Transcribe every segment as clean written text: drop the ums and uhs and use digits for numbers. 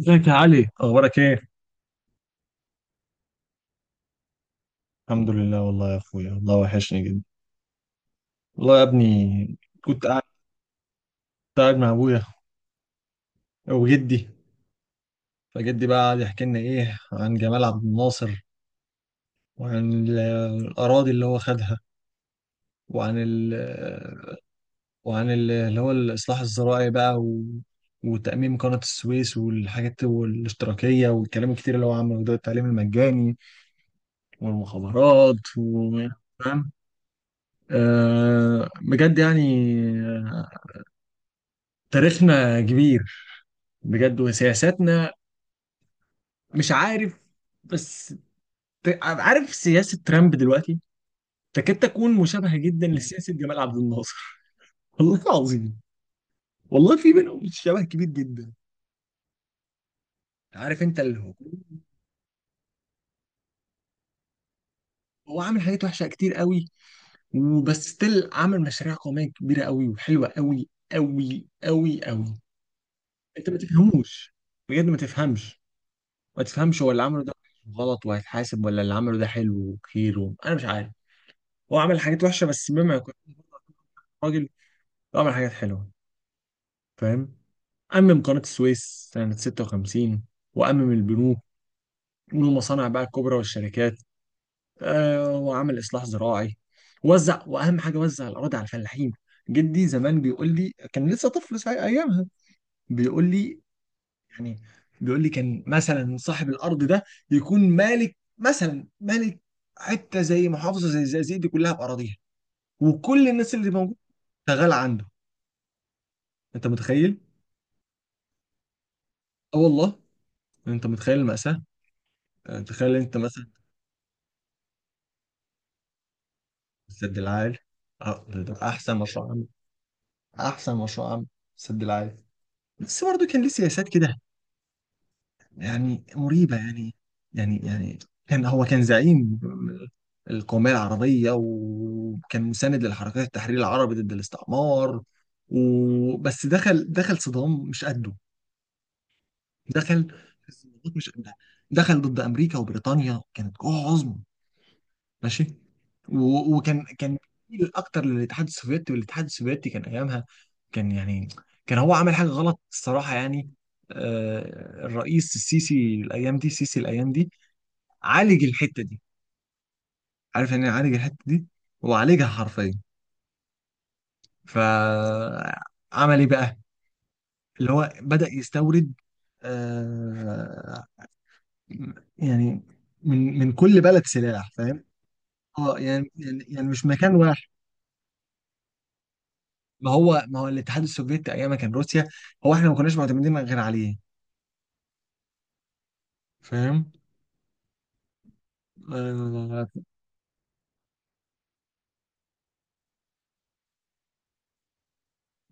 ازيك يا علي؟ اخبارك ايه؟ الحمد لله، والله يا اخويا، والله وحشني جدا. والله يا ابني. كنت قاعد كنت قاعد مع ابويا وجدي. فجدي بقى قعد يحكي لنا ايه عن جمال عبد الناصر، وعن الاراضي اللي هو خدها، وعن ال وعن اللي هو الاصلاح الزراعي بقى، وتأميم قناة السويس والحاجات والاشتراكية والكلام الكتير اللي هو عمله، ده التعليم المجاني والمخابرات فاهم؟ آه بجد يعني، تاريخنا كبير بجد، وسياساتنا مش عارف، بس عارف سياسة ترامب دلوقتي، تكاد تكون مشابهة جدا لسياسة جمال عبد الناصر. والله العظيم، والله في بينهم شبه كبير جدا. عارف انت اللي هو؟ هو عامل حاجات وحشة كتير قوي، وبس ستيل عامل مشاريع قومية كبيرة قوي، وحلوة قوي قوي قوي قوي. انت ما تفهموش، بجد ما تفهمش، ما تفهمش هو اللي عمله ده غلط وهيتحاسب، ولا اللي عمله ده حلو وخير، انا مش عارف. هو عمل حاجات وحشه، بس مما يكون راجل عمل حاجات حلوه. فاهم؟ أمم قناة السويس سنة 56، وأمم البنوك والمصانع بقى الكبرى والشركات. آه، وعمل إصلاح زراعي، وزع، وأهم حاجة وزع الأراضي على الفلاحين. جدي زمان بيقول لي كان لسه طفل ساعة أيامها. بيقول لي يعني، بيقول لي كان مثلا صاحب الأرض ده يكون مالك، مثلا مالك حتة زي محافظة زي الزقازيق دي كلها بأراضيها، وكل الناس اللي موجودة شغالة عنده. انت متخيل؟ اه والله. انت متخيل المأساة؟ يعني تخيل انت مثلا. سد العالي، اه، ده احسن مشروع عام، احسن مشروع عام، سد العالي. بس برضه كان ليه سياسات كده، يعني مريبة يعني، يعني كان هو كان زعيم القومية العربية، وكان مساند للحركات التحرير العربي ضد الاستعمار. وبس دخل صدام مش قده، دخل في الصدمات مش قدها، دخل ضد أمريكا وبريطانيا كانت قوة عظمى. ماشي، وكان بيميل اكتر للاتحاد السوفيتي، والاتحاد السوفيتي كان ايامها، كان يعني، كان هو عمل حاجه غلط الصراحه يعني. آه، الرئيس السيسي الايام دي عالج الحته دي. عارف يعني إيه عالج الحته دي؟ هو عالجها حرفيا. فعمل ايه بقى؟ اللي هو بدأ يستورد، آه يعني، من كل بلد سلاح. فاهم؟ اه، يعني مش مكان واحد. ما هو الاتحاد السوفيتي ايام ما كان روسيا، هو احنا ما كناش معتمدين غير عليه. فاهم؟ آه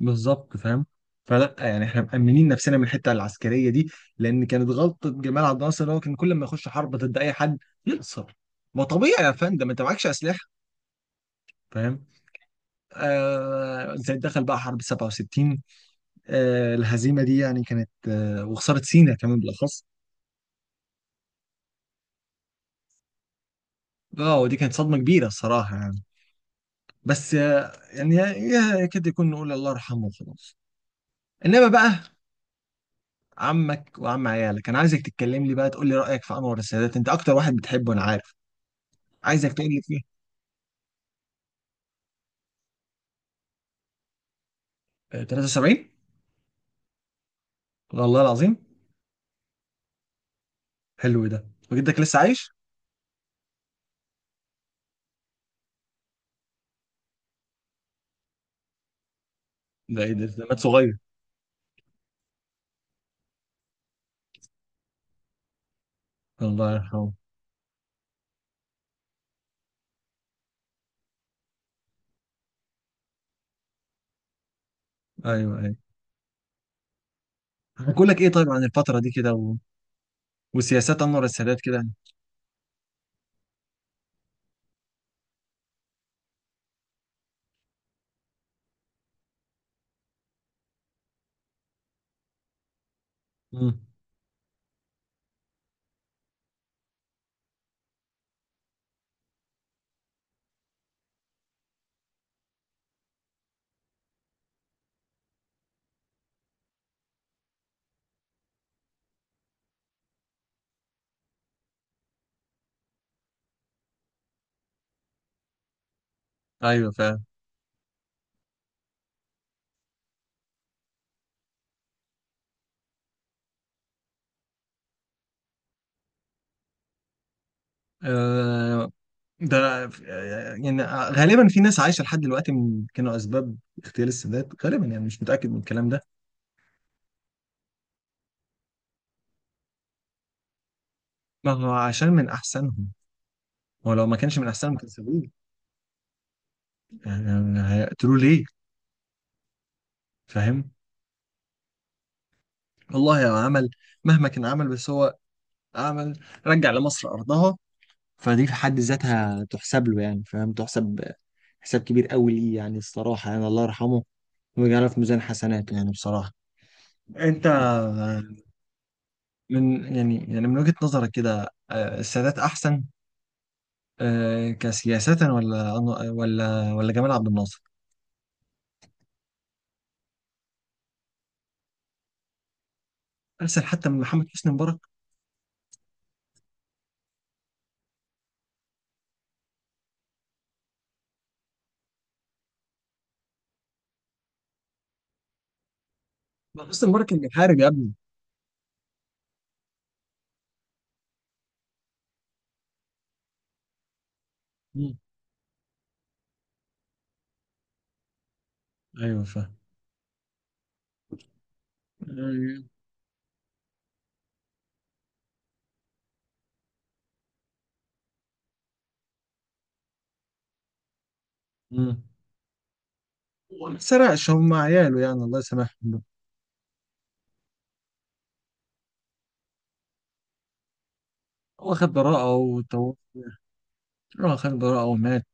بالظبط. فاهم؟ فلا، يعني احنا مأمنين نفسنا من الحته العسكريه دي، لان كانت غلطه جمال عبد الناصر اللي هو كان كل ما يخش حرب ضد اي حد يخسر. ما طبيعي يا فندم انت معكش اسلحه. فاهم؟ آه، زي دخل بقى حرب 67، آه الهزيمه دي يعني كانت، وخساره سينا كمان بالاخص. اه، ودي كانت صدمه كبيره الصراحه يعني. بس يعني يكاد يكون نقول الله يرحمه وخلاص. انما بقى، عمك وعم عيالك، انا عايزك تتكلم لي بقى، تقول لي رايك في انور السادات، انت اكتر واحد بتحبه انا عارف. عايزك تقول لي فيه. آه، 73. والله العظيم. حلو ده. وجدك لسه عايش؟ ده ايه؟ ده مات صغير. الله يرحمه. ايوه، ايوه. هقول لك ايه طيب عن الفتره دي كده، وسياسات انور السادات كده. امم. ايوه فعلا. آه، ده يعني، غالبا في ناس عايشه لحد دلوقتي من كانوا اسباب اغتيال السادات، غالبا يعني، مش متاكد من الكلام ده. ما هو عشان من احسنهم، هو لو ما كانش من احسنهم كان سابوه. يعني هيقتلوه ليه؟ فاهم؟ والله هو عمل مهما كان عمل، بس هو عمل، رجع لمصر ارضها. فدي في حد ذاتها تحسب له يعني، فاهم، تحسب حساب كبير قوي ليه يعني الصراحه يعني، الله يرحمه ويجعله في ميزان حسناته يعني بصراحه. انت من يعني من وجهه نظرك كده، آه، السادات احسن، آه، كسياسه؟ ولا جمال عبد الناصر؟ احسن حتى من محمد حسني مبارك؟ ما حسني مبارك كان بيحارب يا ابني. مم. ايوه، فاهم. آه، مم. هو ما سرقش، هم عياله يعني، الله يسامحهم. هو خد براءة وتوفى. اه، خد براءة ومات،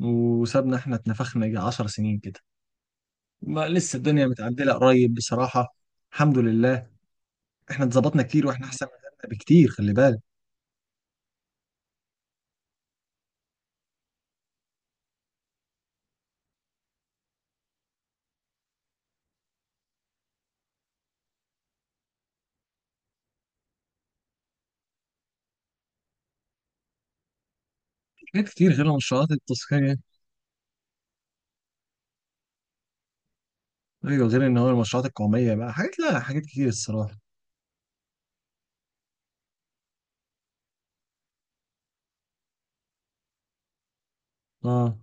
وسابنا احنا اتنفخنا يجي 10 سنين كده. ما لسه الدنيا متعدلة قريب بصراحة. الحمد لله. احنا اتظبطنا كتير، واحنا احسن من غيرنا بكتير، خلي بالك. حاجات كتير غير المشروعات التذكارية. ايوه، غير ان هو المشروعات القومية بقى حاجات، لا حاجات كتير الصراحة. اه.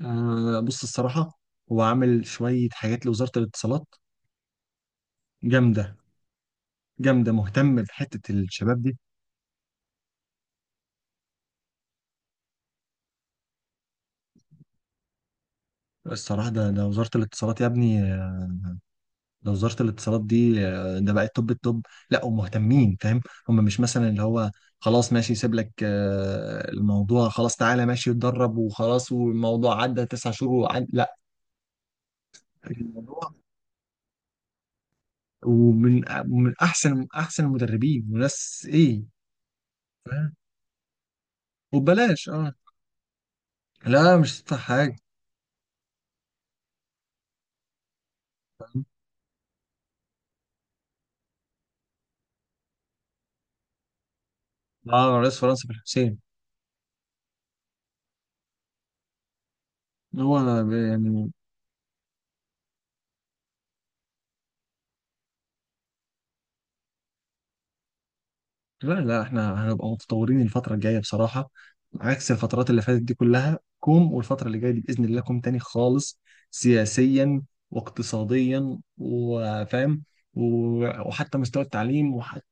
آه، بص الصراحة، هو عامل شوية حاجات لوزارة الاتصالات جامدة، جامدة، مهتم بحتة الشباب دي. الصراحة، ده وزارة الاتصالات يا ابني، ده وزارة الاتصالات دي، ده بقت توب التوب، لا ومهتمين، فاهم؟ هم مش مثلا اللي هو، خلاص ماشي سيب لك، آه، الموضوع خلاص، تعالى ماشي اتدرب وخلاص، والموضوع عدى تسع شهور وعد لا، الموضوع ومن احسن احسن المدربين وناس ايه. فاهم؟ وببلاش، اه. لا مش هتدفع حاجة. اه، رئيس فرنسا في الحسين. هو يعني، لا، لا، احنا هنبقى متطورين الفترة الجاية بصراحة. عكس الفترات اللي فاتت دي كلها كوم، والفترة اللي جاية دي بإذن الله كوم تاني خالص. سياسيا واقتصاديا، وفاهم، وحتى مستوى التعليم، وحتى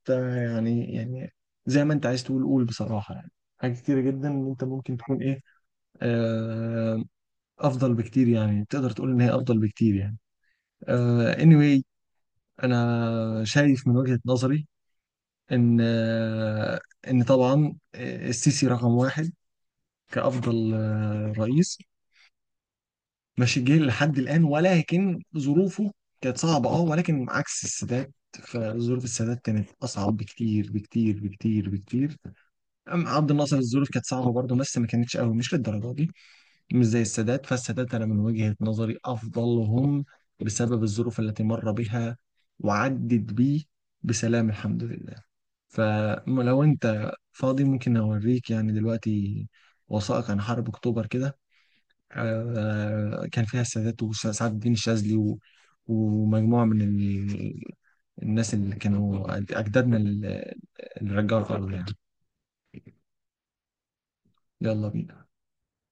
يعني، زي ما انت عايز تقول قول بصراحة يعني. حاجات كتيرة جدا انت ممكن تكون ايه، آه، افضل بكتير يعني، تقدر تقول ان هي افضل بكتير يعني. آه، anyway، انا شايف من وجهة نظري ان ان طبعا، آه، السيسي رقم واحد، كافضل، آه، رئيس ماشي جه لحد الان. ولكن ظروفه كانت صعبه، اه، ولكن عكس السادات، فظروف السادات كانت اصعب بكتير بكتير بكتير بكتير. أم عبد الناصر الظروف كانت صعبه برضه بس ما كانتش قوي، مش للدرجه دي، مش زي السادات. فالسادات أنا من وجهة نظري أفضلهم، بسبب الظروف التي مر بها، وعدت بيه بسلام، الحمد لله. فلو أنت فاضي ممكن أوريك يعني دلوقتي وثائق عن حرب أكتوبر كده، آه، كان فيها السادات وسعد الدين الشاذلي ومجموعة من الناس اللي كانوا أجدادنا، اللي رجعوا الأرض يعني. يلا بينا.